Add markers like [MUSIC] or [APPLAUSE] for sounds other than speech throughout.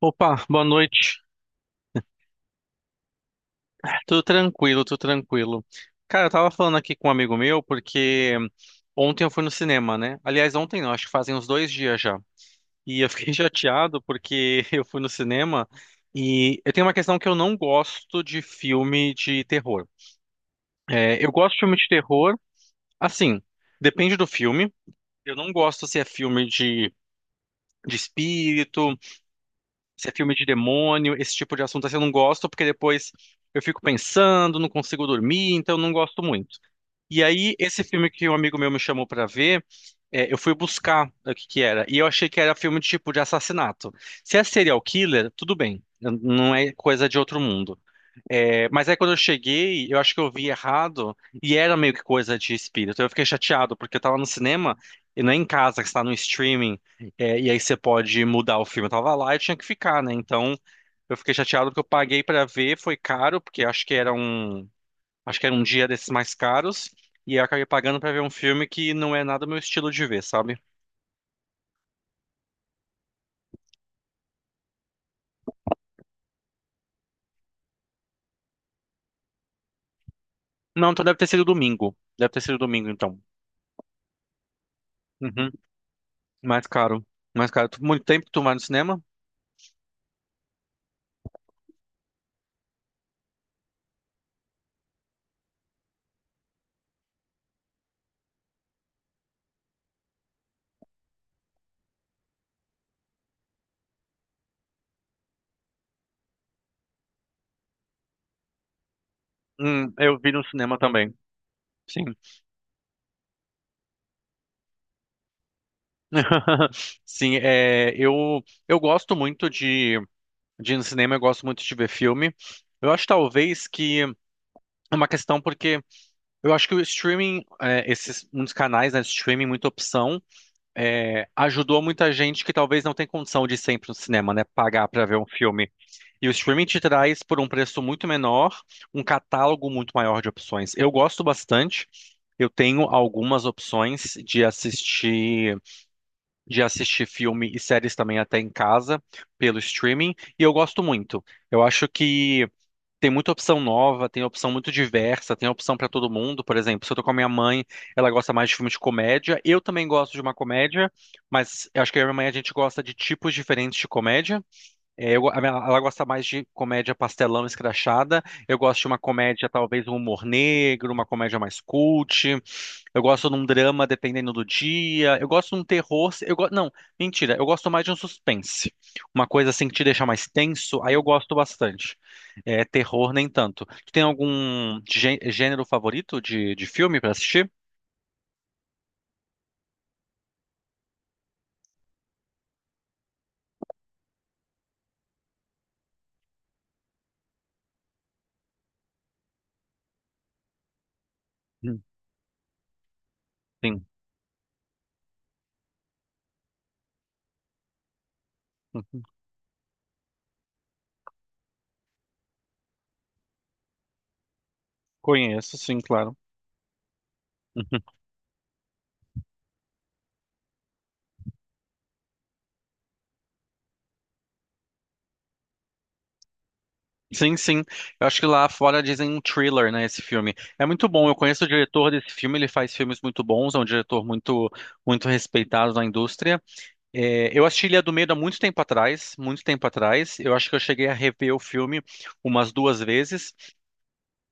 Opa, boa noite. Tudo tranquilo, tudo tranquilo. Cara, eu tava falando aqui com um amigo meu porque ontem eu fui no cinema, né? Aliás, ontem não, acho que fazem uns 2 dias já. E eu fiquei [LAUGHS] chateado porque eu fui no cinema e eu tenho uma questão que eu não gosto de filme de terror. É, eu gosto de filme de terror, assim, depende do filme. Eu não gosto se é filme de espírito. Se é filme de demônio, esse tipo de assunto assim, eu não gosto, porque depois eu fico pensando, não consigo dormir, então eu não gosto muito. E aí, esse filme que um amigo meu me chamou pra ver, eu fui buscar o que que era, e eu achei que era filme de tipo de assassinato. Se é serial killer, tudo bem, não é coisa de outro mundo. É, mas aí quando eu cheguei, eu acho que eu vi errado, e era meio que coisa de espírito. Eu fiquei chateado, porque eu tava no cinema, e não é em casa, que está no streaming, e aí você pode mudar o filme. Eu tava lá e tinha que ficar, né? Então, eu fiquei chateado porque eu paguei pra ver, foi caro, porque acho que era um dia desses mais caros, e eu acabei pagando pra ver um filme que não é nada o meu estilo de ver, sabe? Não, então deve ter sido domingo. Deve ter sido domingo, então. Uhum. Mais caro. Mais caro. Muito tempo que tu vai no cinema? Eu vi no cinema também. Sim. [LAUGHS] Sim, eu gosto muito de, ir no cinema, eu gosto muito de ver filme. Eu acho talvez que é uma questão porque eu acho que o streaming, esses muitos canais, né, de streaming, muita opção, ajudou muita gente que talvez não tem condição de ir sempre no cinema, né, pagar para ver um filme. E o streaming te traz por um preço muito menor, um catálogo muito maior de opções. Eu gosto bastante. Eu tenho algumas opções de assistir filme e séries também até em casa pelo streaming, e eu gosto muito. Eu acho que tem muita opção nova, tem opção muito diversa, tem opção pra todo mundo. Por exemplo, se eu tô com a minha mãe, ela gosta mais de filmes de comédia. Eu também gosto de uma comédia, mas eu acho que eu e a minha mãe a gente gosta de tipos diferentes de comédia. É, eu go- a minha- ela gosta mais de comédia pastelão escrachada. Eu gosto de uma comédia, talvez um humor negro, uma comédia mais cult. Eu gosto de um drama dependendo do dia. Eu gosto de um terror. Não, mentira. Eu gosto mais de um suspense. Uma coisa assim que te deixa mais tenso, aí eu gosto bastante. É, terror nem tanto. Tu tem algum gênero favorito de filme pra assistir? Hum, Sim. Uhum. Conheço, sim, claro. [LAUGHS] Uhum. Sim, sim. Eu acho que lá fora dizem um thriller, né, esse filme. É muito bom. Eu conheço o diretor desse filme, ele faz filmes muito bons, é um diretor muito muito respeitado na indústria. É, eu assisti Ilha do Medo há muito tempo atrás, muito tempo atrás. Eu acho que eu cheguei a rever o filme umas duas vezes.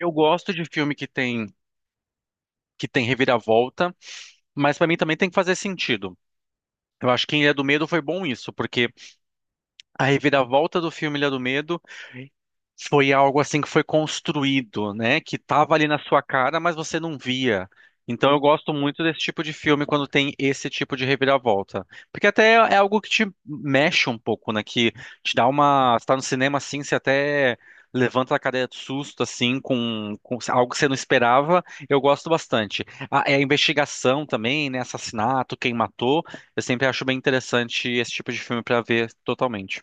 Eu gosto de filme que tem reviravolta, mas para mim também tem que fazer sentido. Eu acho que em Ilha do Medo foi bom isso, porque a reviravolta do filme Ilha do Medo foi algo assim que foi construído, né? Que tava ali na sua cara, mas você não via. Então eu gosto muito desse tipo de filme quando tem esse tipo de reviravolta. Porque até é algo que te mexe um pouco, né? Que te dá uma. Você tá no cinema assim, você até levanta a cadeira de susto, assim, com algo que você não esperava. Eu gosto bastante. A, é a investigação também, né? Assassinato, quem matou. Eu sempre acho bem interessante esse tipo de filme para ver totalmente.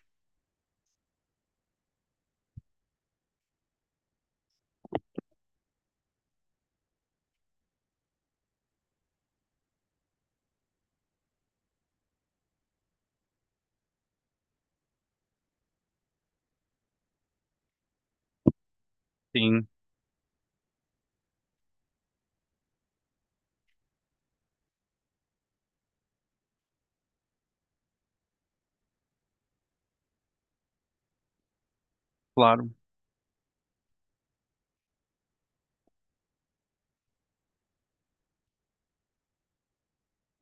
Sim, claro.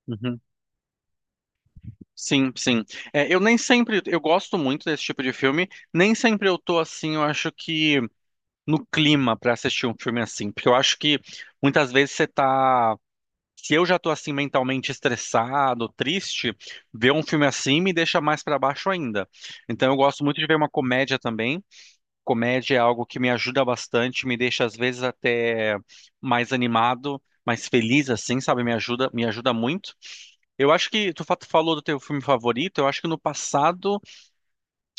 Uhum. Sim, sim. É, eu nem sempre, eu gosto muito desse tipo de filme, nem sempre eu tô assim, eu acho que no clima pra assistir um filme assim, porque eu acho que muitas vezes você tá, se eu já tô assim mentalmente estressado, triste, ver um filme assim me deixa mais pra baixo ainda. Então eu gosto muito de ver uma comédia também. Comédia é algo que me ajuda bastante, me deixa às vezes até mais animado, mais feliz assim, sabe? Me ajuda muito. Eu acho que tu falou do teu filme favorito. Eu acho que no passado,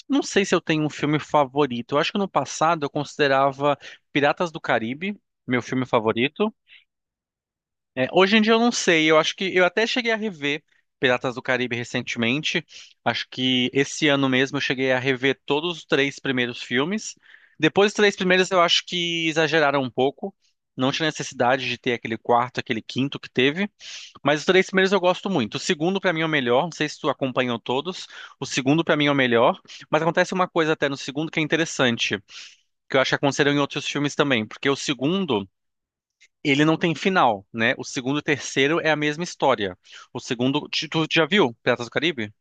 não sei se eu tenho um filme favorito. Eu acho que no passado eu considerava Piratas do Caribe meu filme favorito. É, hoje em dia eu não sei. Eu acho que eu até cheguei a rever Piratas do Caribe recentemente. Acho que esse ano mesmo eu cheguei a rever todos os três primeiros filmes. Depois dos três primeiros eu acho que exageraram um pouco. Não tinha necessidade de ter aquele quarto, aquele quinto que teve. Mas os três primeiros eu gosto muito. O segundo, pra mim, é o melhor. Não sei se tu acompanhou todos. O segundo, pra mim, é o melhor. Mas acontece uma coisa até no segundo que é interessante, que eu acho que aconteceu em outros filmes também. Porque o segundo, ele não tem final, né? O segundo e o terceiro é a mesma história. O segundo. Tu já viu Piratas do Caribe?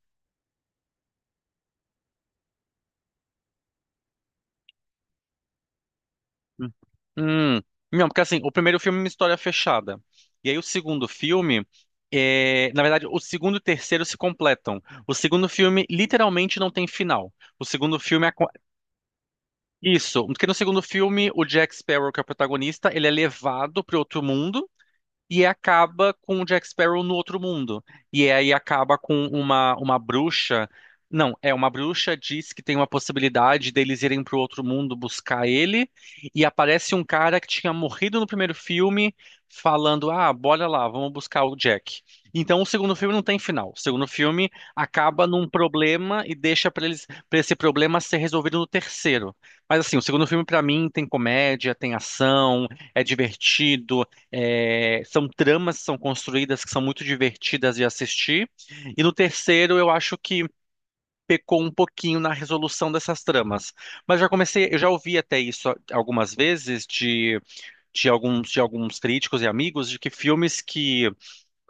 Hum. Hum. Não, porque assim, o primeiro filme é uma história fechada. E aí o segundo filme. Na verdade, o segundo e o terceiro se completam. O segundo filme literalmente não tem final. O segundo filme Isso, porque no segundo filme, o Jack Sparrow, que é o protagonista, ele é levado para outro mundo. E acaba com o Jack Sparrow no outro mundo. E aí acaba com uma bruxa. Não, é uma bruxa diz que tem uma possibilidade deles irem para o outro mundo buscar ele. E aparece um cara que tinha morrido no primeiro filme, falando: Ah, bora lá, vamos buscar o Jack. Então o segundo filme não tem final. O segundo filme acaba num problema e deixa para eles, para esse problema ser resolvido no terceiro. Mas assim, o segundo filme para mim tem comédia, tem ação, é divertido. É, são tramas que são construídas que são muito divertidas de assistir. E no terceiro, eu acho que pecou um pouquinho na resolução dessas tramas. Mas já comecei, eu já ouvi até isso algumas vezes de alguns críticos e amigos de que filmes que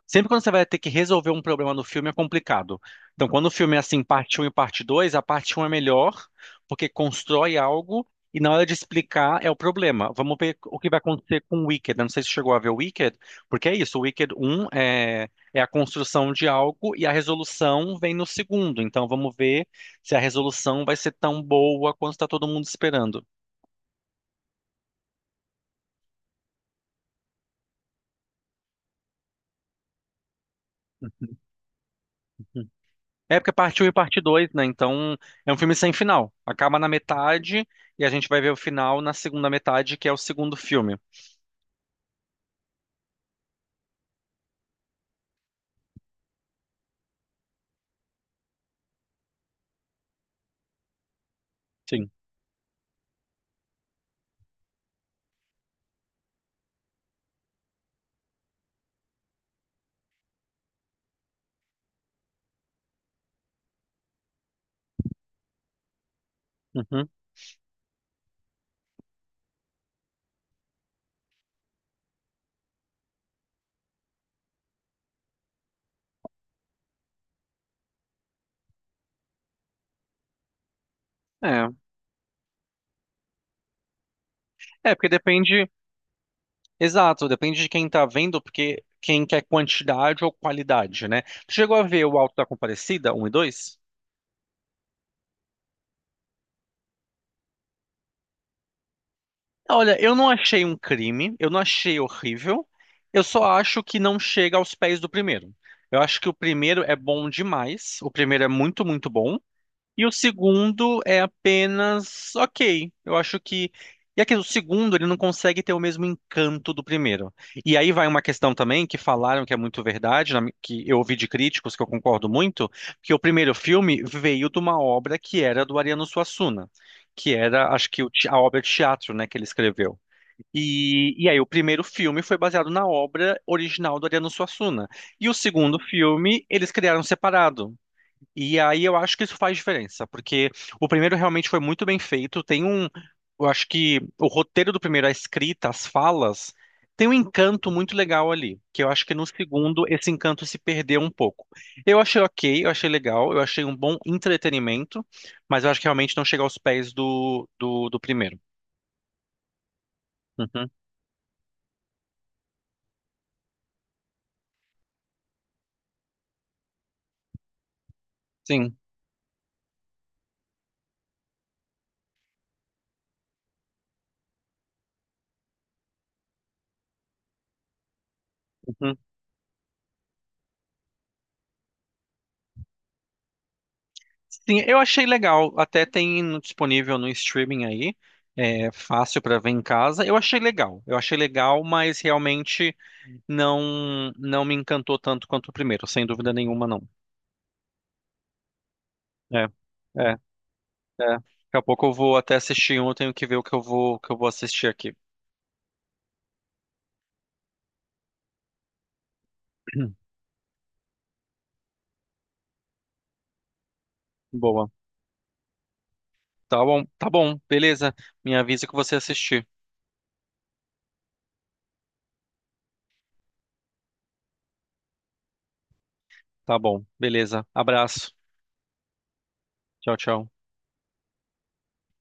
sempre quando você vai ter que resolver um problema no filme é complicado. Então, quando o filme é assim, parte um e parte 2, a parte um é melhor, porque constrói algo e na hora de explicar é o problema. Vamos ver o que vai acontecer com o Wicked. Eu não sei se chegou a ver o Wicked, porque é isso, o Wicked um é a construção de algo e a resolução vem no segundo. Então, vamos ver se a resolução vai ser tão boa quanto está todo mundo esperando. É porque é parte 1 e parte 2, né? Então é um filme sem final. Acaba na metade e a gente vai ver o final na segunda metade, que é o segundo filme. Sim. Uhum. É. É, porque depende. Exato, depende de quem tá vendo, porque quem quer quantidade ou qualidade, né? Tu chegou a ver o Alto da Compadecida, um e 2? Olha, eu não achei um crime, eu não achei horrível, eu só acho que não chega aos pés do primeiro. Eu acho que o primeiro é bom demais, o primeiro é muito, muito bom. E o segundo é apenas ok. Eu acho que. E aqui, o segundo, ele não consegue ter o mesmo encanto do primeiro. E aí vai uma questão também que falaram que é muito verdade, que eu ouvi de críticos, que eu concordo muito, que o primeiro filme veio de uma obra que era do Ariano Suassuna, que era, acho que, a obra de teatro, né, que ele escreveu. E aí o primeiro filme foi baseado na obra original do Ariano Suassuna. E o segundo filme, eles criaram separado. E aí eu acho que isso faz diferença, porque o primeiro realmente foi muito bem feito. Tem um, eu acho que o roteiro do primeiro, a escrita, as falas, tem um encanto muito legal ali, que eu acho que no segundo esse encanto se perdeu um pouco. Eu achei ok, eu achei legal, eu achei um bom entretenimento, mas eu acho que realmente não chega aos pés do primeiro. Uhum, sim. Sim, eu achei legal. Até tem disponível no streaming aí. É fácil pra ver em casa. Eu achei legal. Eu achei legal, mas realmente não não me encantou tanto quanto o primeiro, sem dúvida nenhuma, não. É, é, é. Daqui a pouco eu vou até assistir um, eu tenho que ver o que eu vou assistir aqui. [CLEARS THROAT] Boa. Tá bom, beleza. Me avisa que você assistir. Tá bom, beleza. Abraço. Tchau, tchau.